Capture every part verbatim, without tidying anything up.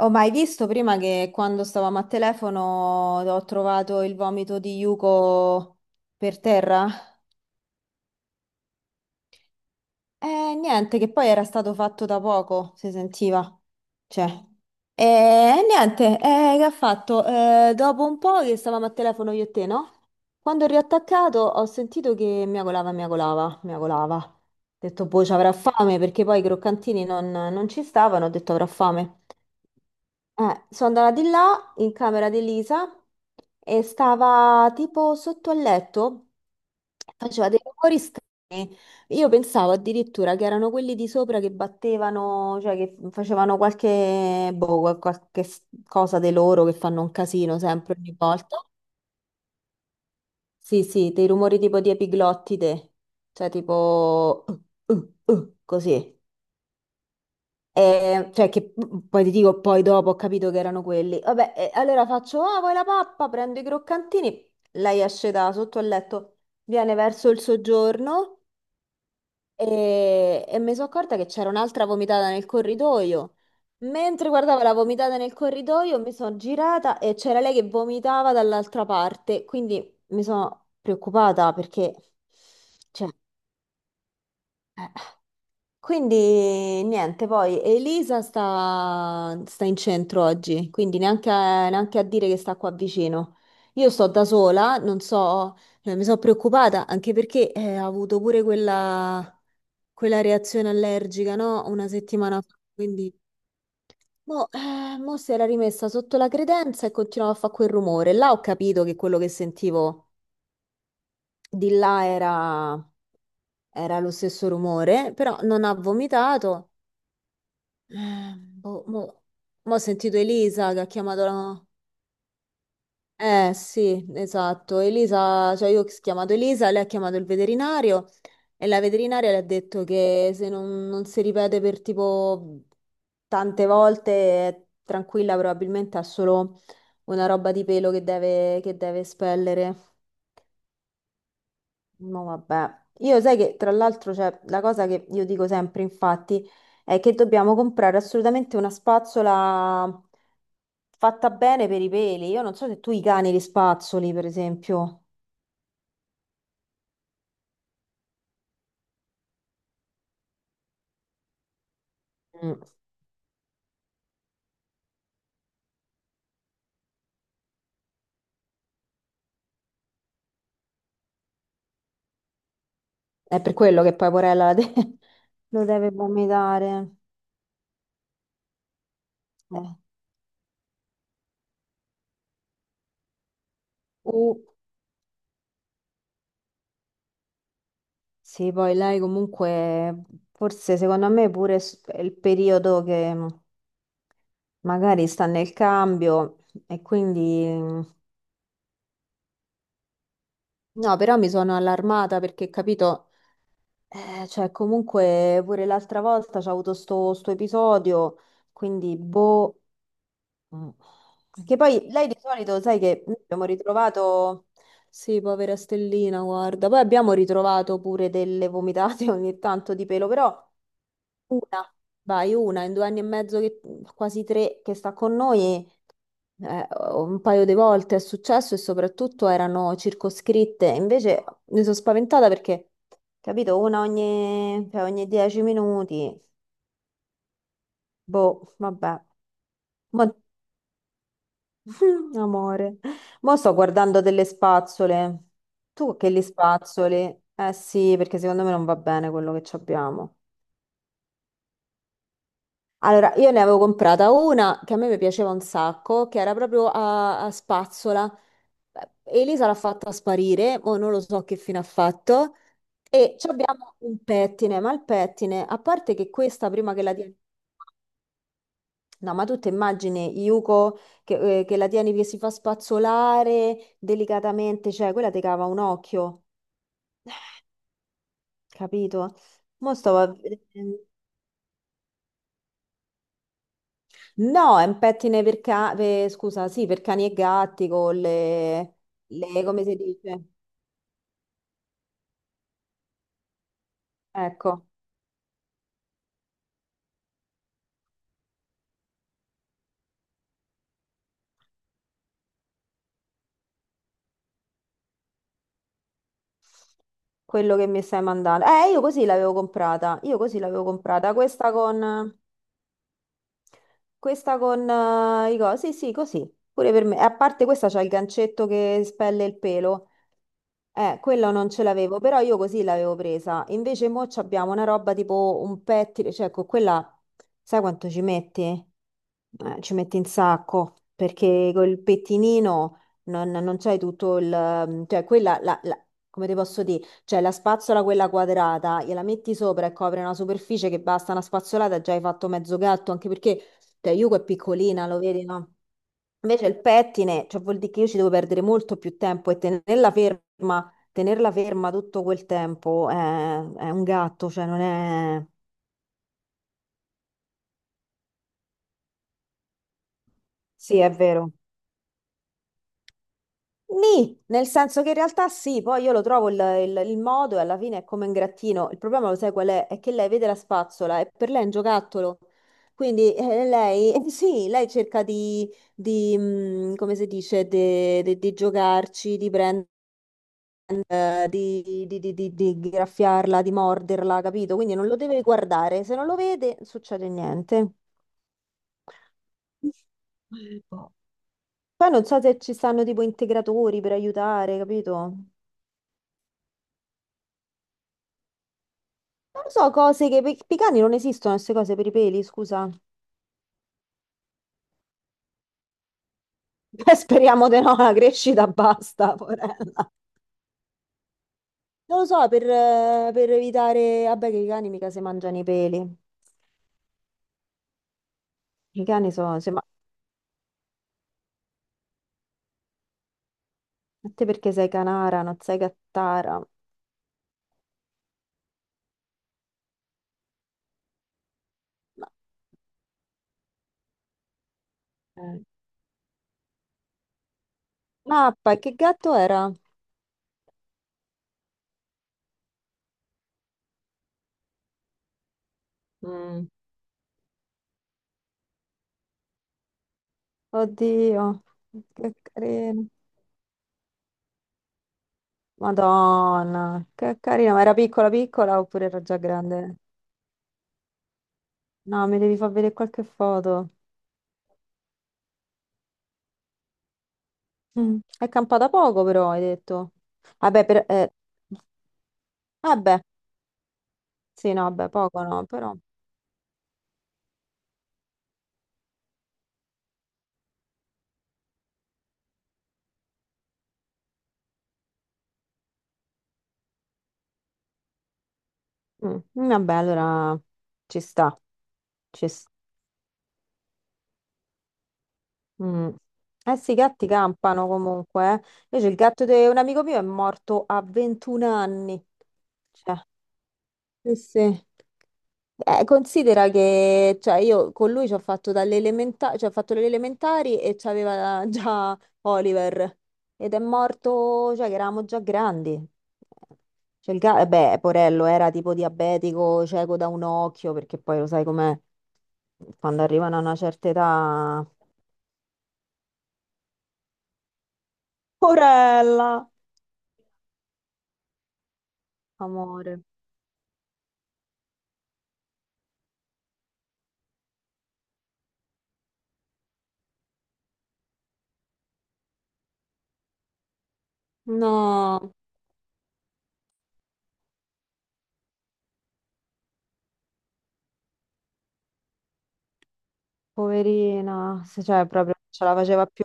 Ho mai visto prima che quando stavamo a telefono ho trovato il vomito di Yuko per terra? Eh, niente, che poi era stato fatto da poco, si sentiva. Cioè, eh, niente, eh, che ha fatto? Eh, dopo un po' che stavamo a telefono io e te, no? Quando ho riattaccato ho sentito che miagolava, miagolava, miagolava. Ho detto, boh, ci avrà fame, perché poi i croccantini non, non ci stavano, ho detto avrà fame. Eh, sono andata di là in camera di Lisa e stava tipo sotto al letto, faceva dei rumori strani. Io pensavo addirittura che erano quelli di sopra che battevano, cioè che facevano qualche, boh, qual- qualche s- cosa di loro che fanno un casino sempre ogni volta. Sì, sì, dei rumori tipo di epiglottide, cioè tipo uh, uh, uh, così. Eh, cioè che p- poi ti dico, poi dopo ho capito che erano quelli. Vabbè, eh, allora faccio, ah, vuoi la pappa? Prendo i croccantini. Lei esce da sotto al letto, viene verso il soggiorno e, e mi sono accorta che c'era un'altra vomitata nel corridoio. Mentre guardavo la vomitata nel corridoio, mi sono girata e c'era lei che vomitava dall'altra parte. Quindi mi sono preoccupata perché, cioè, eh, Quindi niente, poi Elisa sta, sta in centro oggi, quindi neanche a, neanche a dire che sta qua vicino. Io sto da sola, non so, eh, mi sono preoccupata anche perché eh, ha avuto pure quella, quella reazione allergica, no? Una settimana fa, quindi mo, eh, mo si era rimessa sotto la credenza e continuava a fare quel rumore. Là ho capito che quello che sentivo di là era, era lo stesso rumore, però non ha vomitato. Eh, boh, mo, mo ho sentito Elisa che ha chiamato la... Eh sì, esatto, Elisa, cioè io ho chiamato Elisa, lei ha chiamato il veterinario e la veterinaria le ha detto che se non, non si ripete per tipo tante volte è tranquilla, probabilmente ha solo una roba di pelo che deve, che deve espellere. No, vabbè. Io sai che tra l'altro c'è la cosa che io dico sempre, infatti, è che dobbiamo comprare assolutamente una spazzola fatta bene per i peli. Io non so se tu i cani li spazzoli, per esempio. Mm. È per quello che poi Porella la de- lo deve vomitare. Eh. Uh, sì, poi lei comunque, forse secondo me pure s- è il periodo che magari sta nel cambio e quindi... No, però mi sono allarmata perché, capito, eh, cioè comunque pure l'altra volta c'è avuto sto, sto episodio, quindi boh. Mm. Che poi lei di solito, sai che noi abbiamo ritrovato, sì, povera Stellina, guarda, poi abbiamo ritrovato pure delle vomitate ogni tanto di pelo, però una, vai, una in due anni e mezzo, che- quasi tre, che sta con noi, eh, un paio di volte è successo e soprattutto erano circoscritte. Invece mi sono spaventata perché, capito, una ogni, cioè ogni dieci minuti. Boh, vabbè. Ma- Amore. Mo sto guardando delle spazzole. Tu che li spazzoli? Eh sì, perché secondo me non va bene quello che ci abbiamo. Allora, io ne avevo comprata una che a me mi piaceva un sacco, che era proprio a, a spazzola. Elisa l'ha fatta sparire, o non lo so che fine ha fatto. E ci abbiamo un pettine, ma il pettine, a parte che questa prima che la tieni, no, ma tu ti immagini Yuko che, eh, che la tieni che si fa spazzolare delicatamente, cioè quella ti cava un occhio, capito? Mo stavo a vedere. No, è un pettine per, ca- per- scusa, sì, per cani e gatti con le, le- come si dice? Ecco, quello che mi stai mandando. Eh, io così l'avevo comprata, io così l'avevo comprata, questa con... Questa con eh, i cosi, sì, sì, così, pure per me. E a parte questa c'ha il gancetto che spelle il pelo. Eh, quella non ce l'avevo, però io così l'avevo presa. Invece mo abbiamo una roba tipo un pettine, cioè con quella, sai quanto ci metti? Eh, ci metti un sacco perché col pettinino non, non c'hai tutto il... mm, cioè quella, la- la- come ti posso dire, cioè la spazzola quella quadrata, gliela metti sopra e copre una superficie che basta una spazzolata e già hai fatto mezzo gatto, anche perché cioè, Yuko è piccolina, lo vedi, no? Invece il pettine, cioè vuol dire che io ci devo perdere molto più tempo e tenerla ferma, tenerla ferma tutto quel tempo è, è un gatto, cioè non è... Sì, è vero. Nì, nel senso che in realtà sì, poi io lo trovo il, il- il modo e alla fine è come un grattino. Il problema lo sai qual è? È che lei vede la spazzola e per lei è un giocattolo. Quindi eh, lei, eh, sì, lei cerca di, di, mm, come si dice, de- de- di giocarci, di prendere, di, di- di- di- di graffiarla, di morderla, capito? Quindi non lo deve guardare. Se non lo vede, non succede niente. Eh, boh. Poi non so se ci stanno tipo integratori per aiutare, capito? Non lo so, cose che per i cani non esistono, queste cose per i peli, scusa. Beh, speriamo di no, la crescita basta, porella. Non lo so, per, eh, per evitare... Vabbè, che i cani mica si mangiano i peli. I cani sono... se- Ma a te perché sei canara, non sei cattara? Ma, Eh. mappa, e che gatto era? Mm. Oddio, che carino. Madonna, che carina. Ma era piccola piccola oppure era già grande? No, mi devi far vedere qualche foto. Mm. È campata poco però, hai detto. Vabbè, per, eh, vabbè, sì, no, vabbè, poco no, però. Mm. Vabbè, allora ci sta, ci sta. Mm. Eh sì, i gatti campano comunque. eh. Invece il gatto di un amico mio è morto a ventuno anni. Cioè, sì, sì. Eh, considera che cioè, io con lui ci ho fatto dalle elementa- cioè, ho fatto le elementari e c'aveva già Oliver ed è morto, cioè che eravamo già grandi. Cioè, il ga- eh, beh, Porello era tipo diabetico, cieco da un occhio, perché poi lo sai com'è, quando arrivano a una certa età... Porella! Amore. No, poverina, se- cioè proprio non ce la faceva più.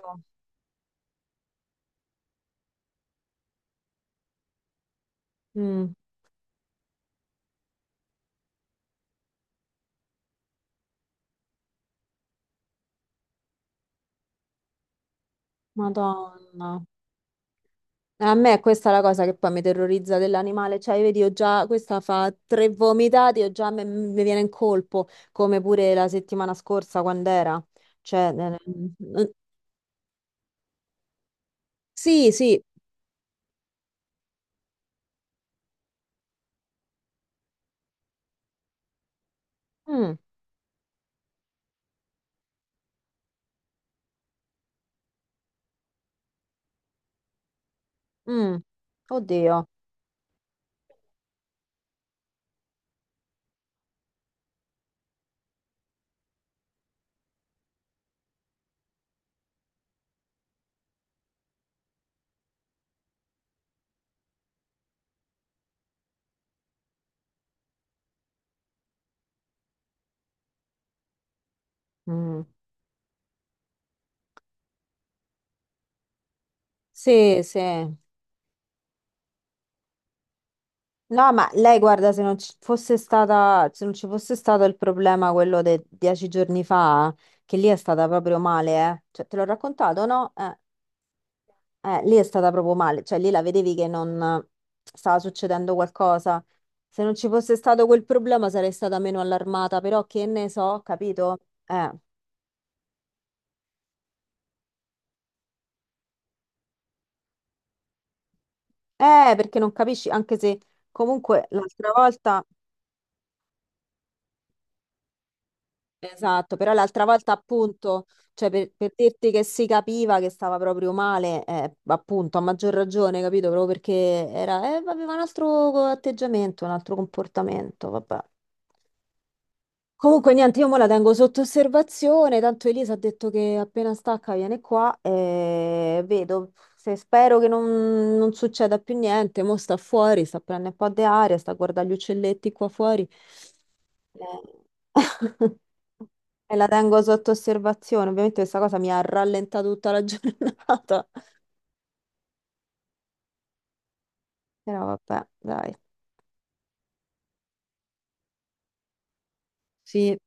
Mm, Madonna. A me questa è la cosa che poi mi terrorizza dell'animale, cioè vedi, ho già, questa fa tre vomitati, ho già, me- mi viene in colpo, come pure la settimana scorsa quando era. Cioè, eh, mm, sì, sì, Mm, mm. Oddio. Mm. Sì, sì. No, ma lei guarda, se non ci fosse stata, se non ci fosse stato il problema quello dei dieci giorni fa, che lì è stata proprio male, eh. Cioè, te l'ho raccontato, no? Eh. Eh, lì è stata proprio male, cioè lì la vedevi che non stava succedendo qualcosa. Se non ci fosse stato quel problema sarei stata meno allarmata, però che ne so, capito? Eh, eh, Perché non capisci, anche se comunque l'altra volta, esatto, però l'altra volta appunto, cioè per, per dirti che si capiva che stava proprio male, eh, appunto, a maggior ragione, capito? Proprio perché era, eh, aveva un altro atteggiamento, un altro comportamento, vabbè. Comunque niente, io mo la tengo sotto osservazione, tanto Elisa ha detto che appena stacca viene qua e vedo, se spero che non, non succeda più niente, mo sta fuori, sta prendendo un po' di aria, sta a guardare gli uccelletti qua fuori. Eh. E la tengo sotto osservazione. Ovviamente questa cosa mi ha rallentato tutta la giornata, però vabbè, dai. Sì,